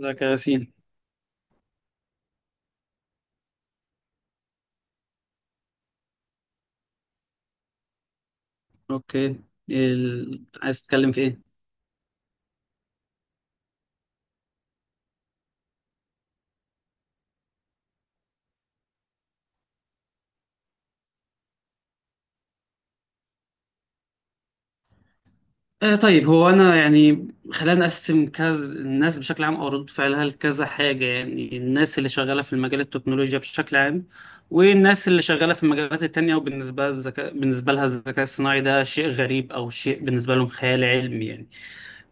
ازيك يا ياسين؟ اوكي. عايز تتكلم في ايه؟ آه، طيب، هو انا يعني خلينا نقسم كذا، الناس بشكل عام او ردود فعلها لكذا حاجه، يعني الناس اللي شغاله في المجال التكنولوجيا بشكل عام، والناس اللي شغاله في المجالات التانية. وبالنسبه الذكاء بالنسبه لها الذكاء الصناعي ده شيء غريب، او شيء بالنسبه لهم خيال علمي يعني.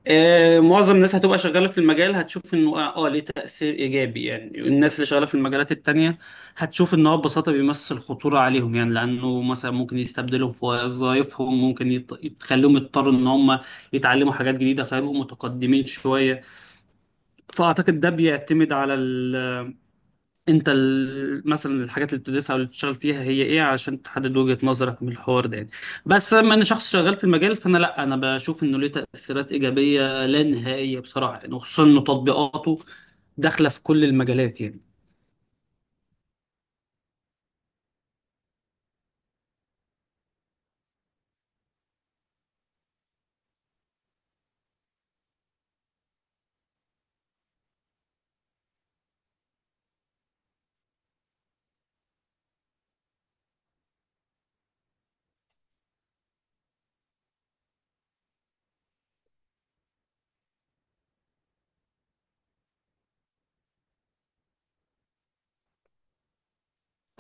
معظم الناس هتبقى شغالة في المجال، هتشوف انه ليه تأثير ايجابي، يعني الناس اللي شغالة في المجالات التانية هتشوف ان هو ببساطة بيمثل خطورة عليهم، يعني لانه مثلا ممكن يستبدلهم في وظائفهم، ممكن يتخليهم يضطروا ان هم يتعلموا حاجات جديدة فيبقوا متقدمين شوية. فاعتقد ده بيعتمد على انت مثلا الحاجات اللي بتدرسها او اللي بتشتغل فيها هي ايه، عشان تحدد وجهة نظرك من الحوار ده يعني. بس لما انا شخص شغال في المجال، فانا لا انا بشوف انه ليه تأثيرات ايجابية لا نهائية بصراحة يعني، وخصوصا انه تطبيقاته داخلة في كل المجالات يعني.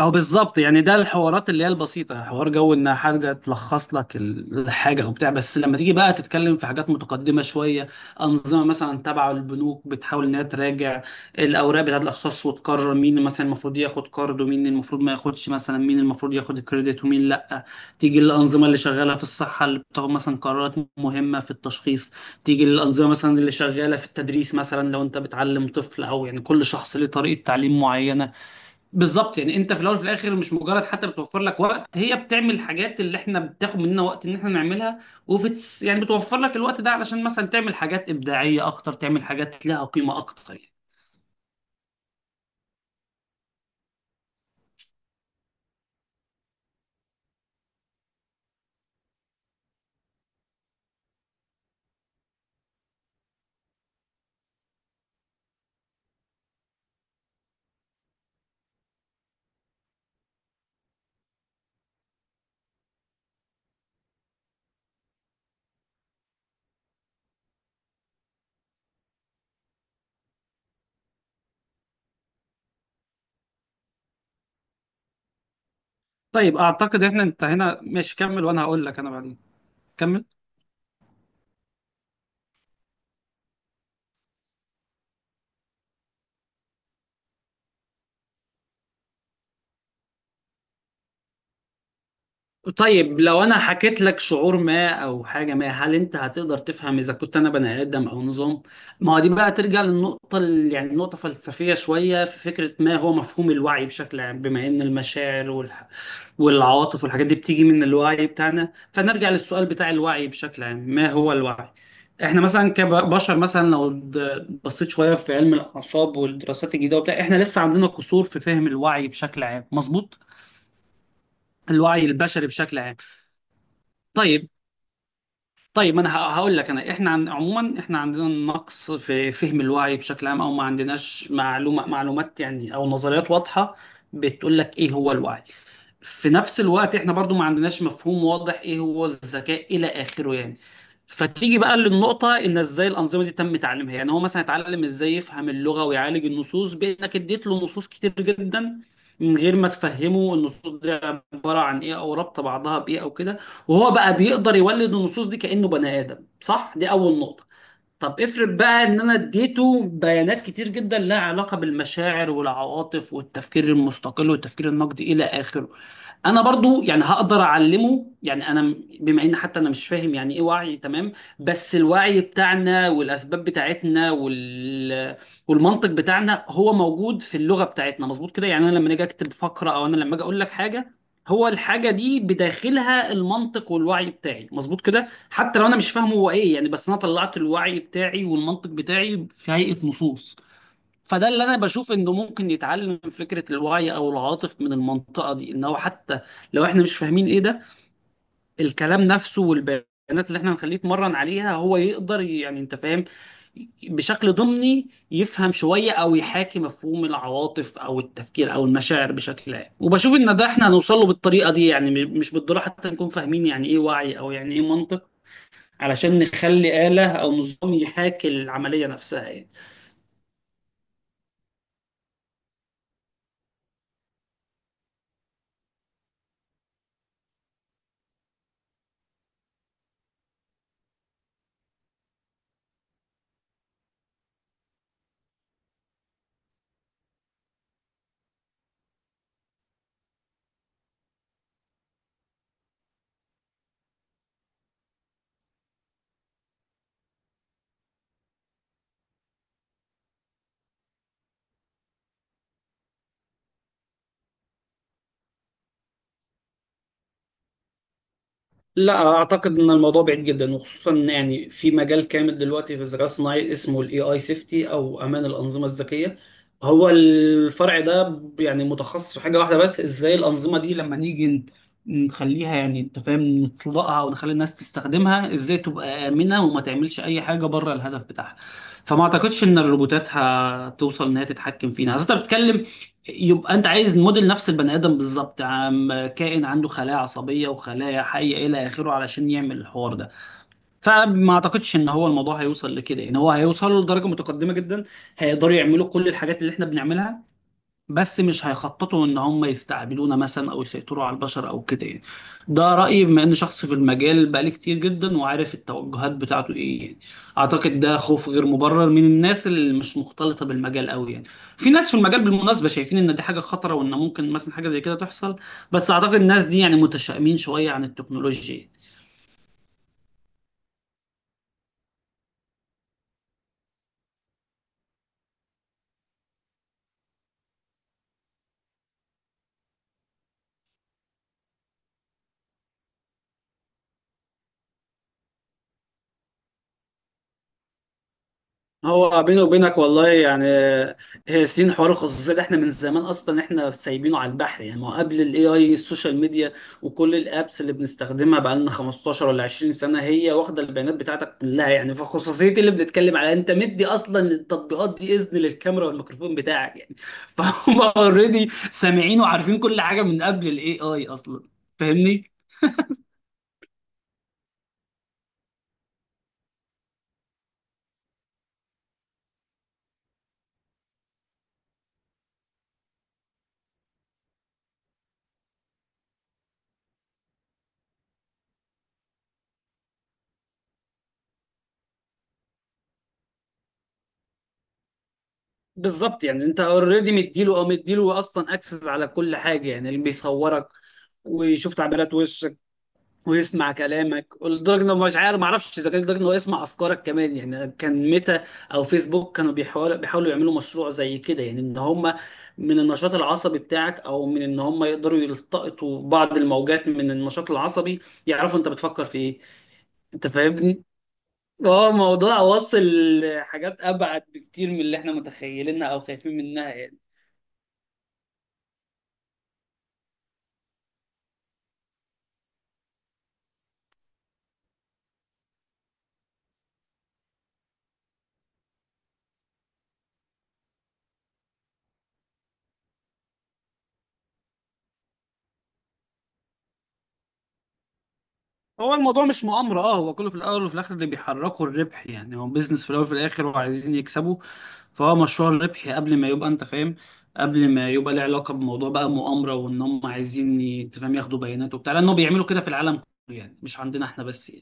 او بالظبط، يعني ده الحوارات اللي هي البسيطه، حوار جو ان حاجه تلخص لك الحاجه او بتاع. بس لما تيجي بقى تتكلم في حاجات متقدمه شويه، انظمه مثلا تبع البنوك بتحاول انها تراجع الاوراق بتاعت الاشخاص وتقرر مين مثلا المفروض ياخد قرض ومين المفروض ما ياخدش، مثلا مين المفروض ياخد الكريدت ومين لا. تيجي الانظمه اللي شغاله في الصحه اللي بتاخد مثلا قرارات مهمه في التشخيص. تيجي الانظمه مثلا اللي شغاله في التدريس، مثلا لو انت بتعلم طفل، او يعني كل شخص ليه طريقه تعليم معينه. بالظبط يعني انت في الاول وفي الاخر، مش مجرد حتى بتوفر لك وقت، هي بتعمل الحاجات اللي احنا بتاخد مننا وقت ان احنا نعملها. يعني بتوفر لك الوقت ده علشان مثلا تعمل حاجات ابداعيه اكتر، تعمل حاجات لها قيمه اكتر يعني. طيب اعتقد احنا انتهينا. ماشي كمل، وانا هقول لك انا بعدين. كمل. طيب لو انا حكيت لك شعور ما او حاجه ما، هل انت هتقدر تفهم اذا كنت انا بني ادم او نظام؟ ما هو دي بقى ترجع للنقطه يعني نقطه فلسفيه شويه، في فكره ما هو مفهوم الوعي بشكل عام، بما ان المشاعر والعواطف والحاجات دي بتيجي من الوعي بتاعنا، فنرجع للسؤال بتاع الوعي بشكل عام، ما هو الوعي. احنا مثلا كبشر، مثلا لو بصيت شويه في علم الاعصاب والدراسات الجديده وبتاع، احنا لسه عندنا قصور في فهم الوعي بشكل عام مظبوط، الوعي البشري بشكل عام. طيب. طيب ما انا هقول لك، انا احنا عموما احنا عندنا نقص في فهم الوعي بشكل عام، او ما عندناش معلومه معلومات يعني، او نظريات واضحه بتقول لك ايه هو الوعي. في نفس الوقت احنا برضو ما عندناش مفهوم واضح ايه هو الذكاء الى اخره يعني. فتيجي بقى للنقطة ان ازاي الانظمة دي تم تعليمها، يعني هو مثلا اتعلم ازاي يفهم اللغة ويعالج النصوص، بانك اديت له نصوص كتير جدا من غير ما تفهمه النصوص دي عبارة عن ايه، او رابطة بعضها بايه او كده. وهو بقى بيقدر يولد النصوص دي كأنه بني ادم، صح؟ دي اول نقطة. طب افرض بقى ان انا اديته بيانات كتير جدا لها علاقة بالمشاعر والعواطف والتفكير المستقل والتفكير النقدي الى اخره، انا برضو يعني هقدر اعلمه يعني. انا بما ان حتى انا مش فاهم يعني ايه وعي تمام، بس الوعي بتاعنا والاسباب بتاعتنا والمنطق بتاعنا هو موجود في اللغه بتاعتنا مظبوط كده، يعني انا لما اجي اكتب فقره، او انا لما اجي اقول لك حاجه، هو الحاجه دي بداخلها المنطق والوعي بتاعي مظبوط كده، حتى لو انا مش فاهمه هو ايه يعني، بس انا طلعت الوعي بتاعي والمنطق بتاعي في هيئه نصوص. فده اللي انا بشوف انه ممكن يتعلم فكره الوعي او العاطف من المنطقه دي، ان هو حتى لو احنا مش فاهمين ايه ده، الكلام نفسه والبيانات اللي احنا هنخليه يتمرن عليها، هو يقدر يعني انت فاهم، بشكل ضمني يفهم شويه او يحاكي مفهوم العواطف او التفكير او المشاعر بشكل عام. وبشوف ان ده احنا هنوصل له بالطريقه دي، يعني مش بالضروره حتى نكون فاهمين يعني ايه وعي، او يعني ايه منطق، علشان نخلي آلة او نظام يحاكي العمليه نفسها يعني. لا اعتقد ان الموضوع بعيد جدا، وخصوصا إن يعني في مجال كامل دلوقتي في الذكاء الصناعي اسمه الاي اي سيفتي، او امان الانظمه الذكيه. هو الفرع ده يعني متخصص في حاجه واحده بس، ازاي الانظمه دي لما نيجي نخليها، يعني انت فاهم، نطلقها ونخلي الناس تستخدمها ازاي تبقى امنه وما تعملش اي حاجه بره الهدف بتاعها. فما اعتقدش ان الروبوتات هتوصل ان هي تتحكم فينا، اصل انت بتتكلم يبقى انت عايز موديل نفس البني ادم بالظبط، عم كائن عنده خلايا عصبيه وخلايا حيه الى اخره علشان يعمل الحوار ده. فما اعتقدش ان هو الموضوع هيوصل لكده، ان هو هيوصل لدرجه متقدمه جدا هيقدروا يعملوا كل الحاجات اللي احنا بنعملها، بس مش هيخططوا ان هم يستعبدونا مثلا او يسيطروا على البشر او كده يعني. ده رايي بما ان شخص في المجال بقالي كتير جدا، وعارف التوجهات بتاعته ايه يعني. اعتقد ده خوف غير مبرر من الناس اللي مش مختلطه بالمجال قوي يعني. في ناس في المجال بالمناسبه شايفين ان دي حاجه خطره، وان ممكن مثلا حاجه زي كده تحصل، بس اعتقد الناس دي يعني متشائمين شويه عن التكنولوجيا. هو بيني وبينك والله يعني، هي سين حوار الخصوصيه ده، احنا من زمان اصلا احنا سايبينه على البحر يعني. ما هو قبل الاي اي، السوشيال ميديا وكل الابس اللي بنستخدمها بقى لنا 15 ولا 20 سنه هي واخده البيانات بتاعتك كلها يعني. فخصوصيه اللي بنتكلم عليها، انت مدي اصلا التطبيقات دي اذن للكاميرا والميكروفون بتاعك يعني، فهم اوريدي سامعين وعارفين كل حاجه من قبل الاي اي اصلا. فاهمني؟ بالظبط، يعني انت اوريدي مديله، او مديله اصلا اكسس على كل حاجه، يعني اللي بيصورك ويشوف تعبيرات وشك ويسمع كلامك، لدرجه انه مش عارف، ما اعرفش اذا كان لدرجه انه يسمع افكارك كمان يعني. كان ميتا او فيسبوك كانوا بيحاولوا يعملوا مشروع زي كده، يعني ان هم من النشاط العصبي بتاعك، او من ان هم يقدروا يلتقطوا بعض الموجات من النشاط العصبي، يعرفوا انت بتفكر في ايه. انت فاهمني؟ هو موضوع واصل حاجات ابعد بكتير من اللي احنا متخيلينها او خايفين منها يعني. هو الموضوع مش مؤامرة، هو كله في الأول وفي الآخر اللي بيحركه الربح يعني. هو بيزنس في الأول وفي الآخر وعايزين يكسبوا، فهو مشروع الربح قبل ما يبقى أنت فاهم، قبل ما يبقى له علاقة بموضوع بقى مؤامرة وإن هم عايزين أنت فاهم ياخدوا بيانات وبتاع، لأنه بيعملوا كده في العالم كله يعني، مش عندنا إحنا بس.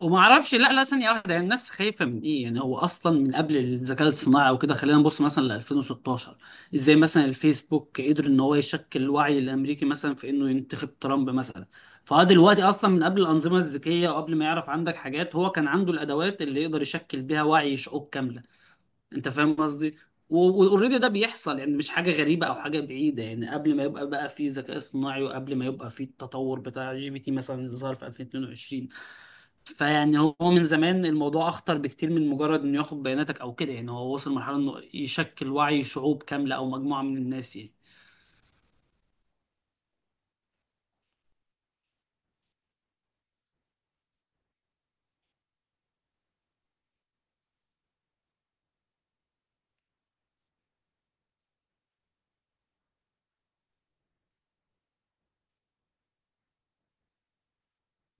وما اعرفش، لا لا ثانيه واحده، يعني الناس خايفه من ايه يعني. هو اصلا من قبل الذكاء الصناعي وكده، خلينا نبص مثلا ل 2016، ازاي مثلا الفيسبوك قدر ان هو يشكل الوعي الامريكي مثلا في انه ينتخب ترامب مثلا. فهو دلوقتي اصلا من قبل الانظمه الذكيه وقبل ما يعرف عندك حاجات، هو كان عنده الادوات اللي يقدر يشكل بيها وعي شعوب كامله. انت فاهم قصدي؟ واوريدي ده بيحصل، يعني مش حاجه غريبه او حاجه بعيده يعني، قبل ما يبقى بقى في ذكاء صناعي، وقبل ما يبقى في التطور بتاع جي بي تي مثلا اللي ظهر في 2022. فيعني هو من زمان الموضوع اخطر بكتير من مجرد انه ياخد بياناتك او كده يعني، هو وصل لمرحله انه يشكل وعي شعوب كامله او مجموعه من الناس يعني.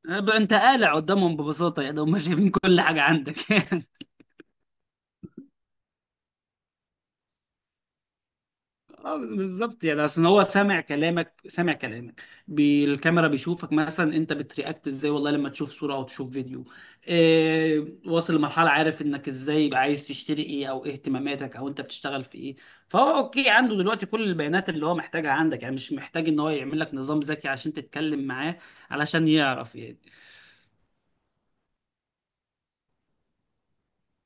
بقى انت قالع قدامهم ببساطه، يعني هم شايفين كل حاجه عندك. اه بالظبط، يعني اصل هو سامع كلامك سامع كلامك، بالكاميرا بيشوفك مثلا، انت بترياكت ازاي والله لما تشوف صوره او تشوف فيديو. إيه واصل لمرحله عارف انك ازاي، يبقى عايز تشتري ايه، او ايه اهتماماتك، او انت بتشتغل في ايه. فهو اوكي عنده دلوقتي كل البيانات اللي هو محتاجها عندك يعني، مش محتاج ان هو يعمل لك نظام ذكي عشان تتكلم معاه علشان يعرف يعني.